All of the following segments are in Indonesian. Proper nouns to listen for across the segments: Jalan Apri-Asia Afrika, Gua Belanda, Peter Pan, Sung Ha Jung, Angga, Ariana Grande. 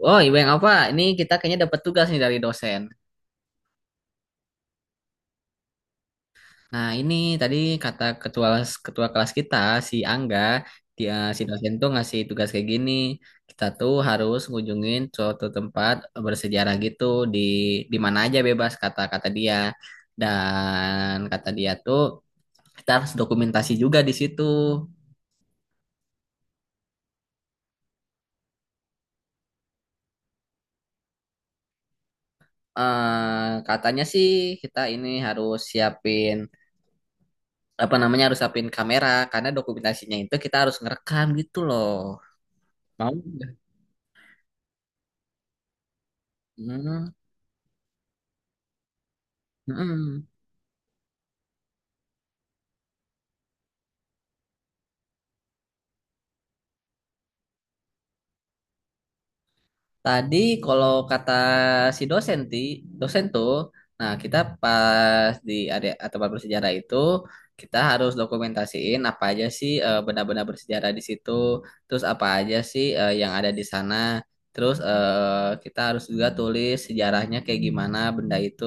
Oh, Iweng apa? Ini kita kayaknya dapat tugas nih dari dosen. Nah, ini tadi kata ketua ketua kelas kita si Angga, dia si dosen tuh ngasih tugas kayak gini. Kita tuh harus ngunjungin suatu tempat bersejarah gitu di di mana aja bebas kata-kata dia. Dan kata dia tuh kita harus dokumentasi juga di situ. Katanya sih kita ini harus siapin apa namanya harus siapin kamera karena dokumentasinya itu kita harus ngerekam gitu loh. Mau nggak? Hmm, hmm. Tadi kalau kata si dosen tuh, nah kita pas di area atau bersejarah itu kita harus dokumentasiin apa aja sih benda-benda bersejarah di situ, terus apa aja sih yang ada di sana, terus kita harus juga tulis sejarahnya kayak gimana benda itu.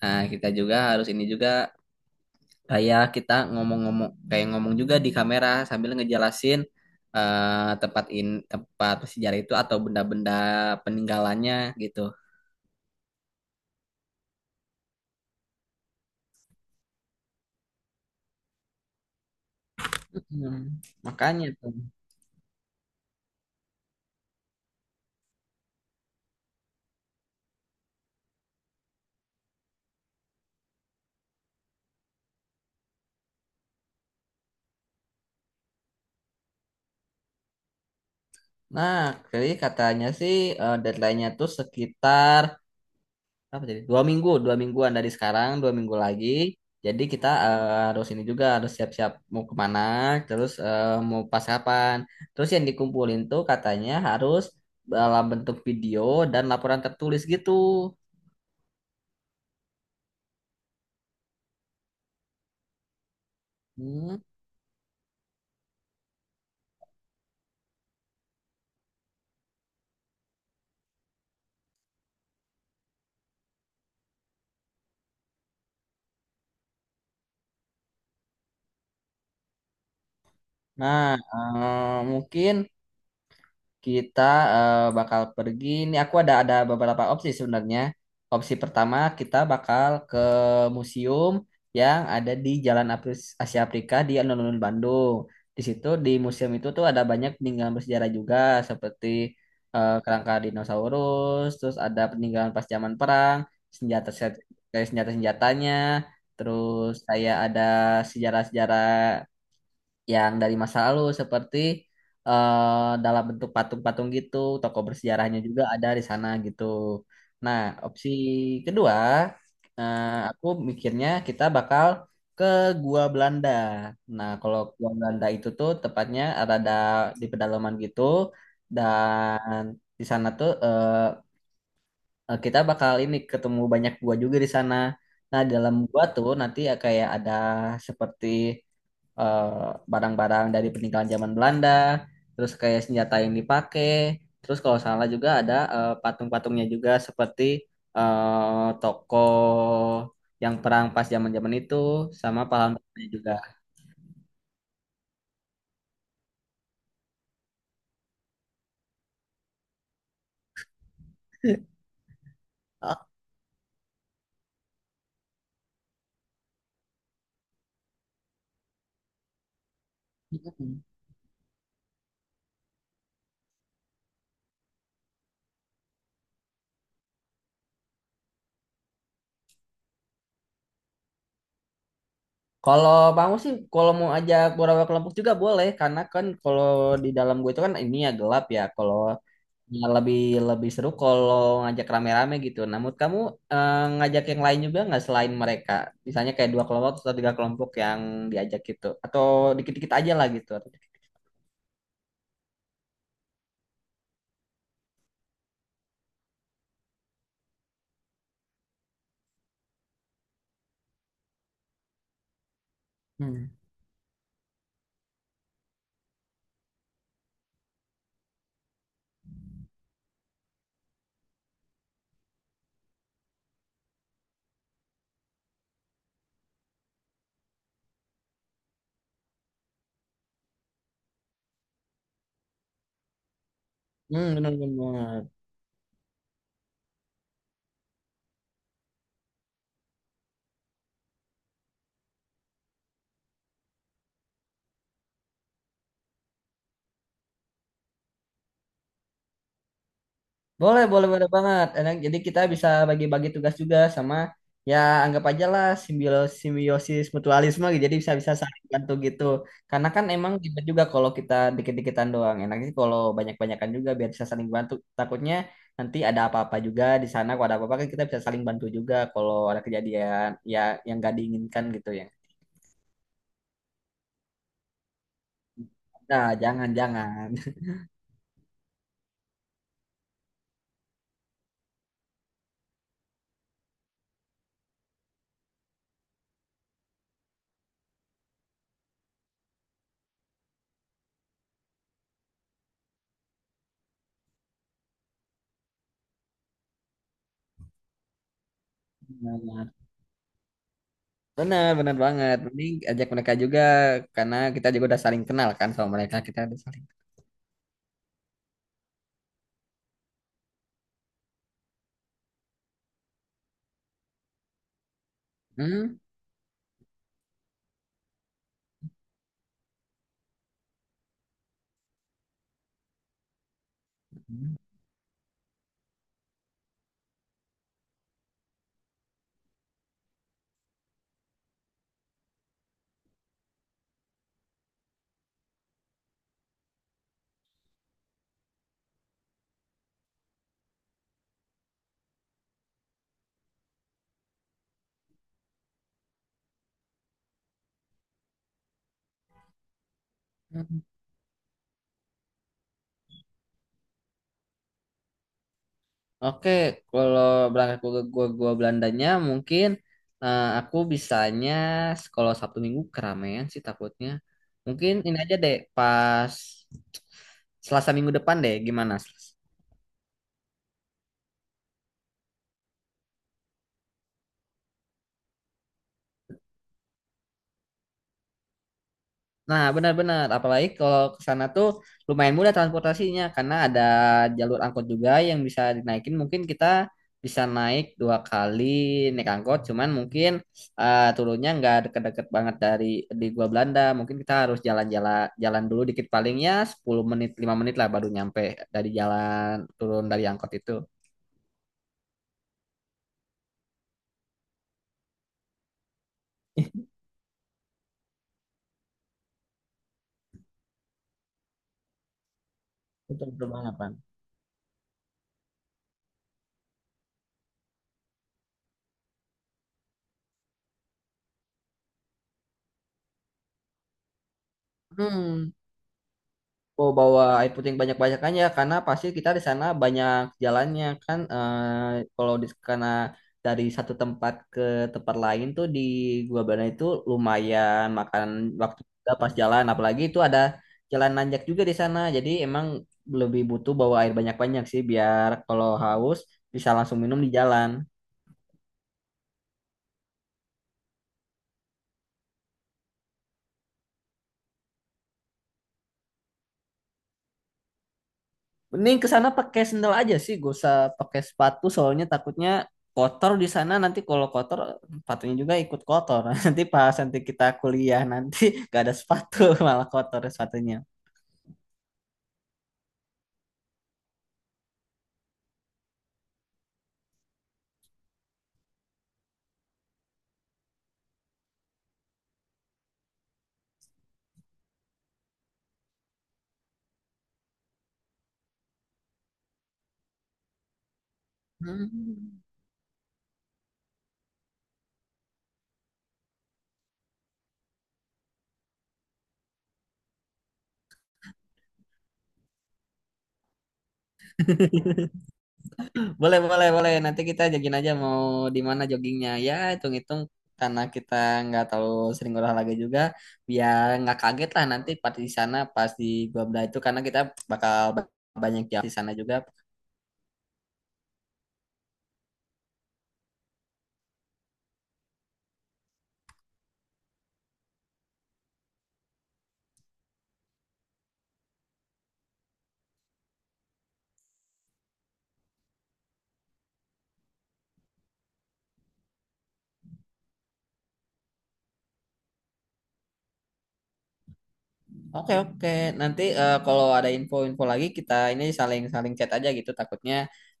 Nah, kita juga harus ini juga kayak kita ngomong-ngomong kayak ngomong juga di kamera sambil ngejelasin tempat sejarah itu atau benda-benda peninggalannya gitu. Hmm, makanya tuh. Nah, jadi katanya sih deadline-nya tuh sekitar apa jadi 2 minggu 2 mingguan dari sekarang 2 minggu lagi, jadi kita harus ini juga harus siap-siap mau kemana, terus mau pas kapan, terus yang dikumpulin tuh katanya harus dalam bentuk video dan laporan tertulis gitu. Hmm. Nah, mungkin kita bakal pergi. Ini aku ada beberapa opsi sebenarnya. Opsi pertama kita bakal ke museum yang ada di Jalan Asia Afrika di alun-alun Bandung. Di situ di museum itu tuh ada banyak peninggalan bersejarah juga seperti kerangka dinosaurus, terus ada peninggalan pas zaman perang, senjata, kayak senjata senjatanya, terus kayak ada sejarah-sejarah yang dari masa lalu seperti dalam bentuk patung-patung gitu, tokoh bersejarahnya juga ada di sana gitu. Nah, opsi kedua, eh, aku mikirnya kita bakal ke Gua Belanda. Nah, kalau Gua Belanda itu tuh tepatnya ada di pedalaman gitu, dan di sana tuh kita bakal ini ketemu banyak gua juga di sana. Nah, dalam gua tuh nanti ya kayak ada seperti eh, barang-barang dari peninggalan zaman Belanda, terus kayak senjata yang dipakai, terus kalau salah juga ada patung-patungnya juga seperti tokoh yang perang pas zaman-zaman itu, sama pahlawan-pahlawannya juga. Oh, mm. Kalau bangun sih, kalau mau ajak beberapa kelompok juga boleh, karena kan kalau di dalam gue itu kan ini ya gelap ya. Kalau ya, lebih lebih seru kalau ngajak rame-rame gitu. Namun kamu eh, ngajak yang lain juga nggak selain mereka? Misalnya kayak dua kelompok atau tiga kelompok yang diajak gitu, atau dikit-dikit aja lah gitu. Hmm, hmm, benar-benar. Boleh, boleh, boleh banget. Enak. Jadi kita bisa bagi-bagi tugas juga sama ya, anggap aja lah simbiosis, simbiosis mutualisme gitu. Jadi bisa-bisa saling bantu gitu. Karena kan emang ribet juga kalau kita dikit-dikitan doang. Enaknya sih kalau banyak-banyakan juga biar bisa saling bantu. Takutnya nanti ada apa-apa juga di sana. Kalau ada apa-apa kan kita bisa saling bantu juga kalau ada kejadian ya, yang gak diinginkan gitu ya. Nah, jangan-jangan. Benar, benar benar banget. Mending ajak mereka juga karena kita juga udah saling kenal kan sama mereka. Kita udah saling. Hmm, hmm. Hmm. Oke, kalau berangkat ke gua Belandanya mungkin aku bisanya kalau Sabtu Minggu keramaian sih takutnya. Mungkin ini aja deh pas Selasa minggu depan deh, gimana? Nah, benar-benar. Apalagi kalau ke sana tuh lumayan mudah transportasinya karena ada jalur angkot juga yang bisa dinaikin. Mungkin kita bisa naik dua kali naik angkot, cuman mungkin turunnya nggak deket-deket banget dari di gua Belanda. Mungkin kita harus jalan dulu dikit, palingnya 10 menit, 5 menit lah baru nyampe dari jalan turun dari angkot itu. Betul betul banget, Pan. Hmm. Oh, bawa air putih yang banyak-banyakannya karena pasti kita di sana banyak jalannya kan, kalau di karena dari satu tempat ke tempat lain tuh di Gua Bana itu lumayan makan waktu juga pas jalan, apalagi itu ada jalan nanjak juga di sana, jadi emang lebih butuh bawa air banyak-banyak sih biar kalau haus bisa langsung minum di jalan. Mending ke sana pakai sendal aja sih, gak usah pakai sepatu soalnya takutnya kotor di sana, nanti kalau kotor sepatunya juga ikut kotor. Nanti pas nanti kita kuliah nanti gak ada sepatu malah kotor sepatunya. Hmm. Boleh, boleh, boleh. Nanti kita jogging aja, mau di mana joggingnya. Ya, hitung-hitung karena kita nggak terlalu sering olahraga juga, biar nggak kaget lah nanti pas di sana, pas di Gua Bela itu karena kita bakal banyak jam di sana juga. Oke oke, nanti kalau ada info-info lagi kita ini saling-saling chat aja gitu, takutnya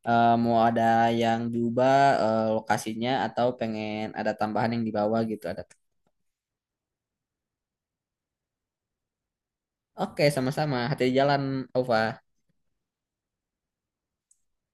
mau ada yang diubah lokasinya atau pengen ada tambahan yang dibawa gitu ada. Oke, sama-sama, hati di jalan Ova.